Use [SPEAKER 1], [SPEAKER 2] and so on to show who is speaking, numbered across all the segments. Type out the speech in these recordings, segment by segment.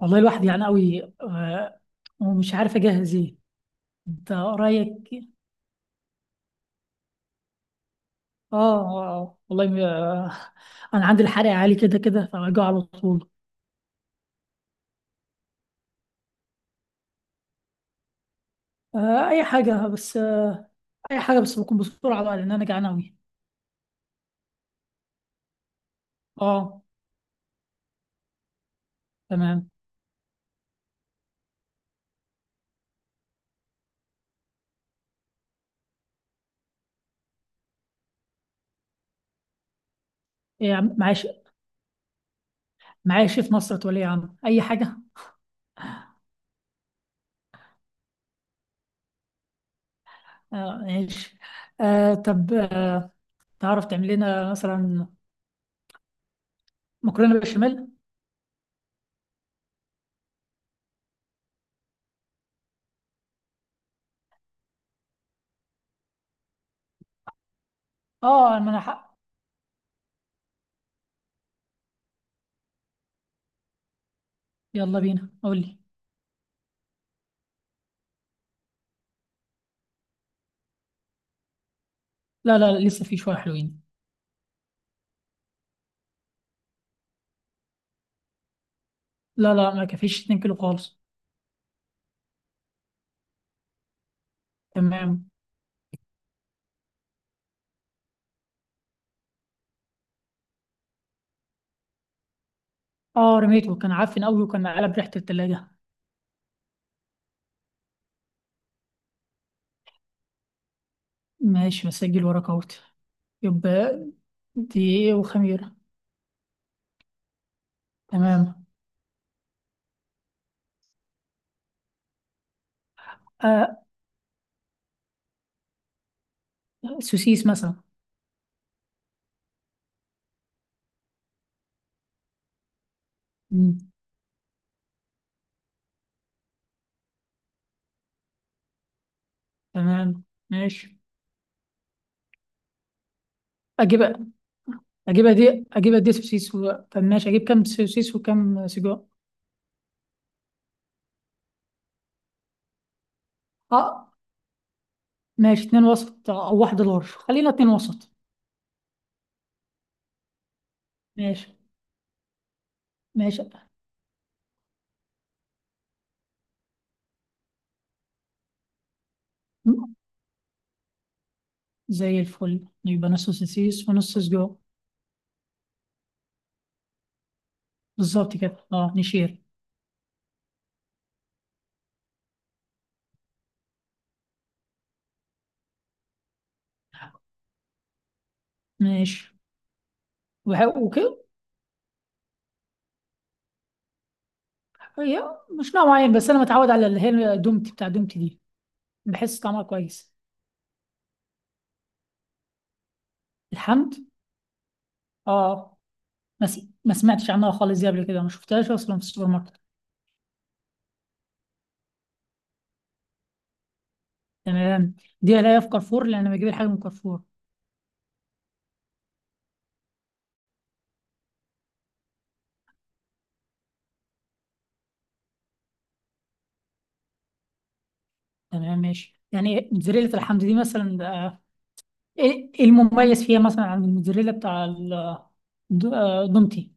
[SPEAKER 1] والله الواحد يعني قوي ومش عارف اجهز ايه؟ انت رايك؟ اه. آه، والله انا عندي الحرق عالي كده كده، فبجوع على طول. اي حاجه بس. اي حاجه بس بكون بسرعه بقى، لان انا جعان قوي. اه. تمام. إيه يا عم، معايا معايا شيف نصرة ولي عم اي حاجه. آه، ماشي. آه، طب، تعرف تعمل لنا مثلا مكرونه بشاميل؟ اه ما انا حق. يلا بينا، قول لي. لا لا لا، لسه في شويه حلوين. لا لا، ما كفيش 2 كيلو خالص. تمام. اه، رميته، كان عفن قوي وكان قلب ريحة التلاجة. ماشي، مسجل وراك اهوت. يبقى دقيقة وخميرة، تمام. آه سوسيس مثلا. مم. تمام، ماشي، اجيبها. اجيبها دي، اجيبها دي سوسيس. طب ماشي، اجيب كام سوسيس وكام سجق؟ اه ماشي، اتنين وسط او واحدة لارج، خلينا اتنين وسط. ماشي. ماشي، مم. زي الفل، يبقى نص سوسيس ونص سجق. بالظبط كده، اه نشير. ماشي وكده. هي مش نوع معين، بس انا متعود على اللي هي دومتي، بتاع دومتي دي. بحس طعمها كويس. الحمد. اه، ما سمعتش عنها خالص دي قبل كده، ما شفتهاش اصلا في السوبر ماركت. تمام. دي الاقيها في كارفور، لان انا بجيب الحاجه من كارفور. تمام ماشي، يعني موتزاريلا الحمد دي مثلا، ايه المميز فيها مثلا عن الموتزاريلا بتاع دومتي؟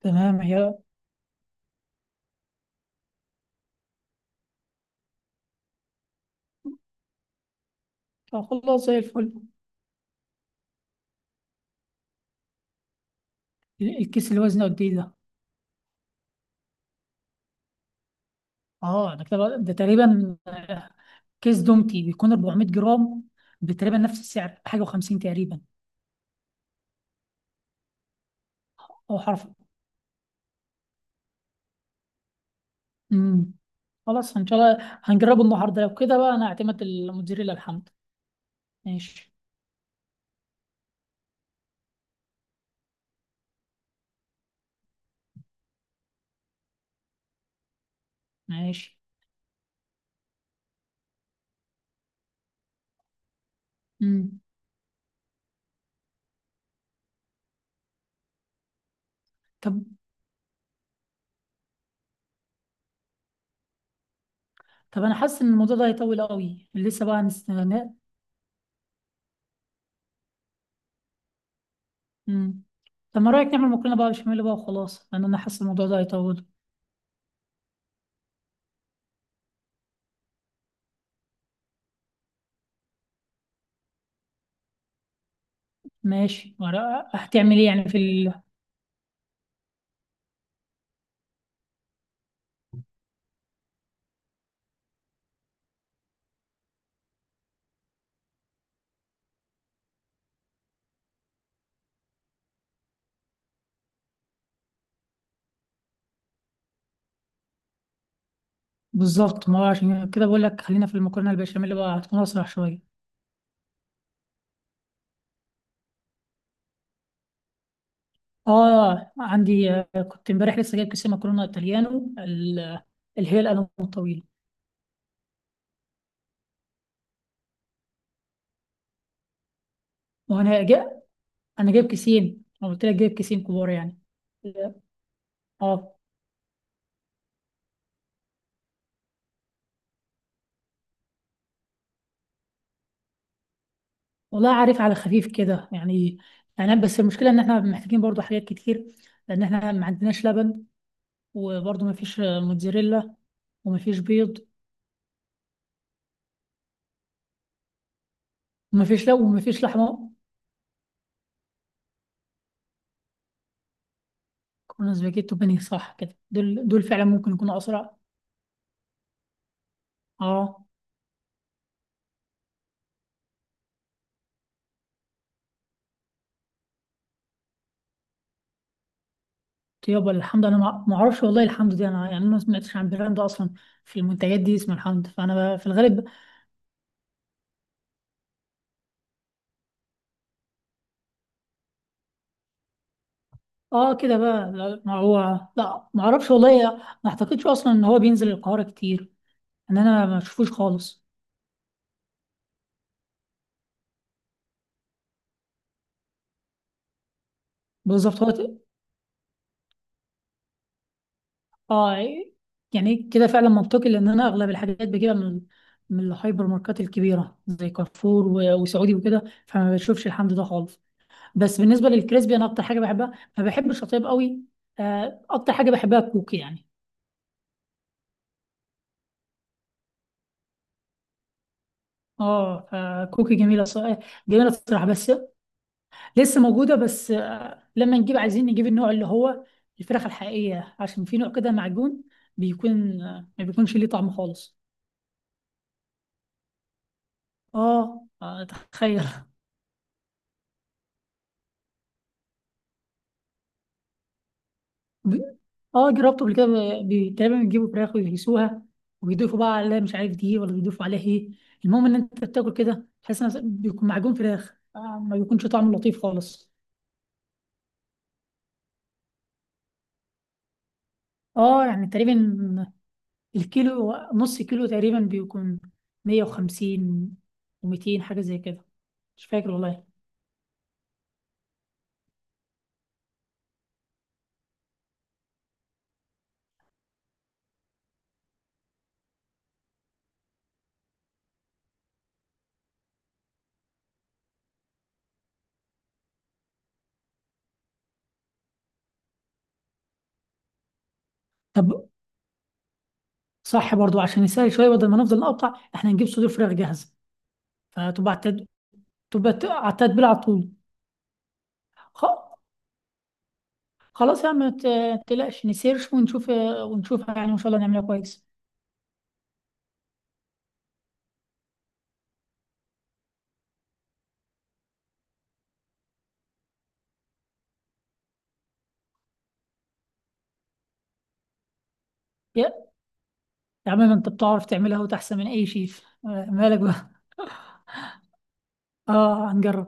[SPEAKER 1] تمام هي. خلاص زي الفل. الكيس اللي وزنه قد ايه ده؟ اه، ده كده ده تقريبا. كيس دومتي بيكون 400 جرام، بتقريبا نفس السعر، حاجه و50 تقريبا. او حرف. امم. خلاص ان شاء الله هنجربه النهارده لو كده بقى، انا اعتمد الموتزاريلا الحمد. ماشي. ماشي، امم. طب طب انا حاسس ان الموضوع ده هيطول قوي، لسه بقى هنستنى. امم. طب، ما رايك نعمل مكرونه بقى بشاميل بقى وخلاص، لان انا حاسس الموضوع ده هيطول. ماشي، ما رأ- هتعمل ايه يعني في بالظبط، ما هو عشان كده بقول لك، خلينا في المكرونه البشاميل بقى هتكون اسرع شويه. اه عندي، كنت امبارح لسه جايب كيسين مكرونه ايطاليانو اللي هي القلم الطويل. وانا جا انا جايب كيسين، انا قلت لك جايب كيسين كبار يعني. اه. والله عارف على خفيف كده يعني. يعني بس المشكله ان احنا محتاجين برضو حاجات كتير، لان احنا ما عندناش لبن، وبرضو ما فيش موتزاريلا، وما فيش بيض، وما فيش لا، وما فيش لحمه. كنا سباجيتي وبانيه، صح كده، دول فعلا ممكن يكونوا اسرع. اه. يابا الحمد، انا ما اعرفش والله. الحمد دي انا يعني ما سمعتش عن براند اصلا في المنتجات دي اسمه الحمد، فانا بقى في الغالب. اه كده بقى، لا ما هو. لا ما اعرفش والله. ما اعتقدش اصلا ان هو بينزل القاهره كتير، ان انا ما اشوفوش خالص. بالظبط هو اه. يعني كده فعلا منطقي، لان انا اغلب الحاجات بجيبها من الهايبر ماركات الكبيره زي كارفور وسعودي وكده، فما بشوفش الحمد ده خالص. بس بالنسبه للكريسبي، انا اكتر حاجه بحبها، ما بحبش الشطيب قوي. اكتر حاجه بحبها الكوكي يعني. اه، فكوكي جميله صراحه. جميله الصراحه، بس لسه موجوده بس. لما نجيب، عايزين نجيب النوع اللي هو الفراخ الحقيقيه، عشان في نوع كده معجون، بيكون ما بيكونش ليه طعم خالص. اه، تخيل. ب- اه جربته قبل كده، تقريبا بيجيبوا فراخ ويهيسوها، ويضيفوا بقى عليها مش عارف دي ولا بيضيفوا عليها ايه. المهم ان انت بتاكل كده تحس إن بيكون معجون فراخ، ما بيكونش طعمه لطيف خالص. اه يعني تقريبا الكيلو، نص كيلو تقريبا بيكون 150 و200 حاجة زي كده. مش فاكر والله. طب، صح برضو، عشان يسهل شوية، بدل ما نفضل نقطع احنا، نجيب صدور فراخ جاهزة، فتبقى على تبقى على التتبيل على طول. خ... خلاص يا عم، ما تقلقش نسيرش ونشوف، ونشوفها يعني، وان شاء الله نعملها كويس. يا يا عم، ما انت بتعرف تعملها وتحسن من اي شيف، مالك بقى. اه هنجرب.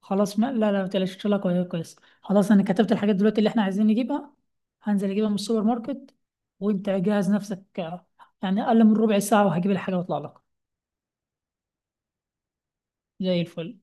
[SPEAKER 1] خلاص، ما لا لا، ما تقلقش، ان شاء الله كويس كويس. خلاص انا كتبت الحاجات دلوقتي اللي احنا عايزين نجيبها، هنزل اجيبها من السوبر ماركت، وانت جهز نفسك، يعني اقل من ربع ساعه وهجيب الحاجه واطلع لك. زي الفل.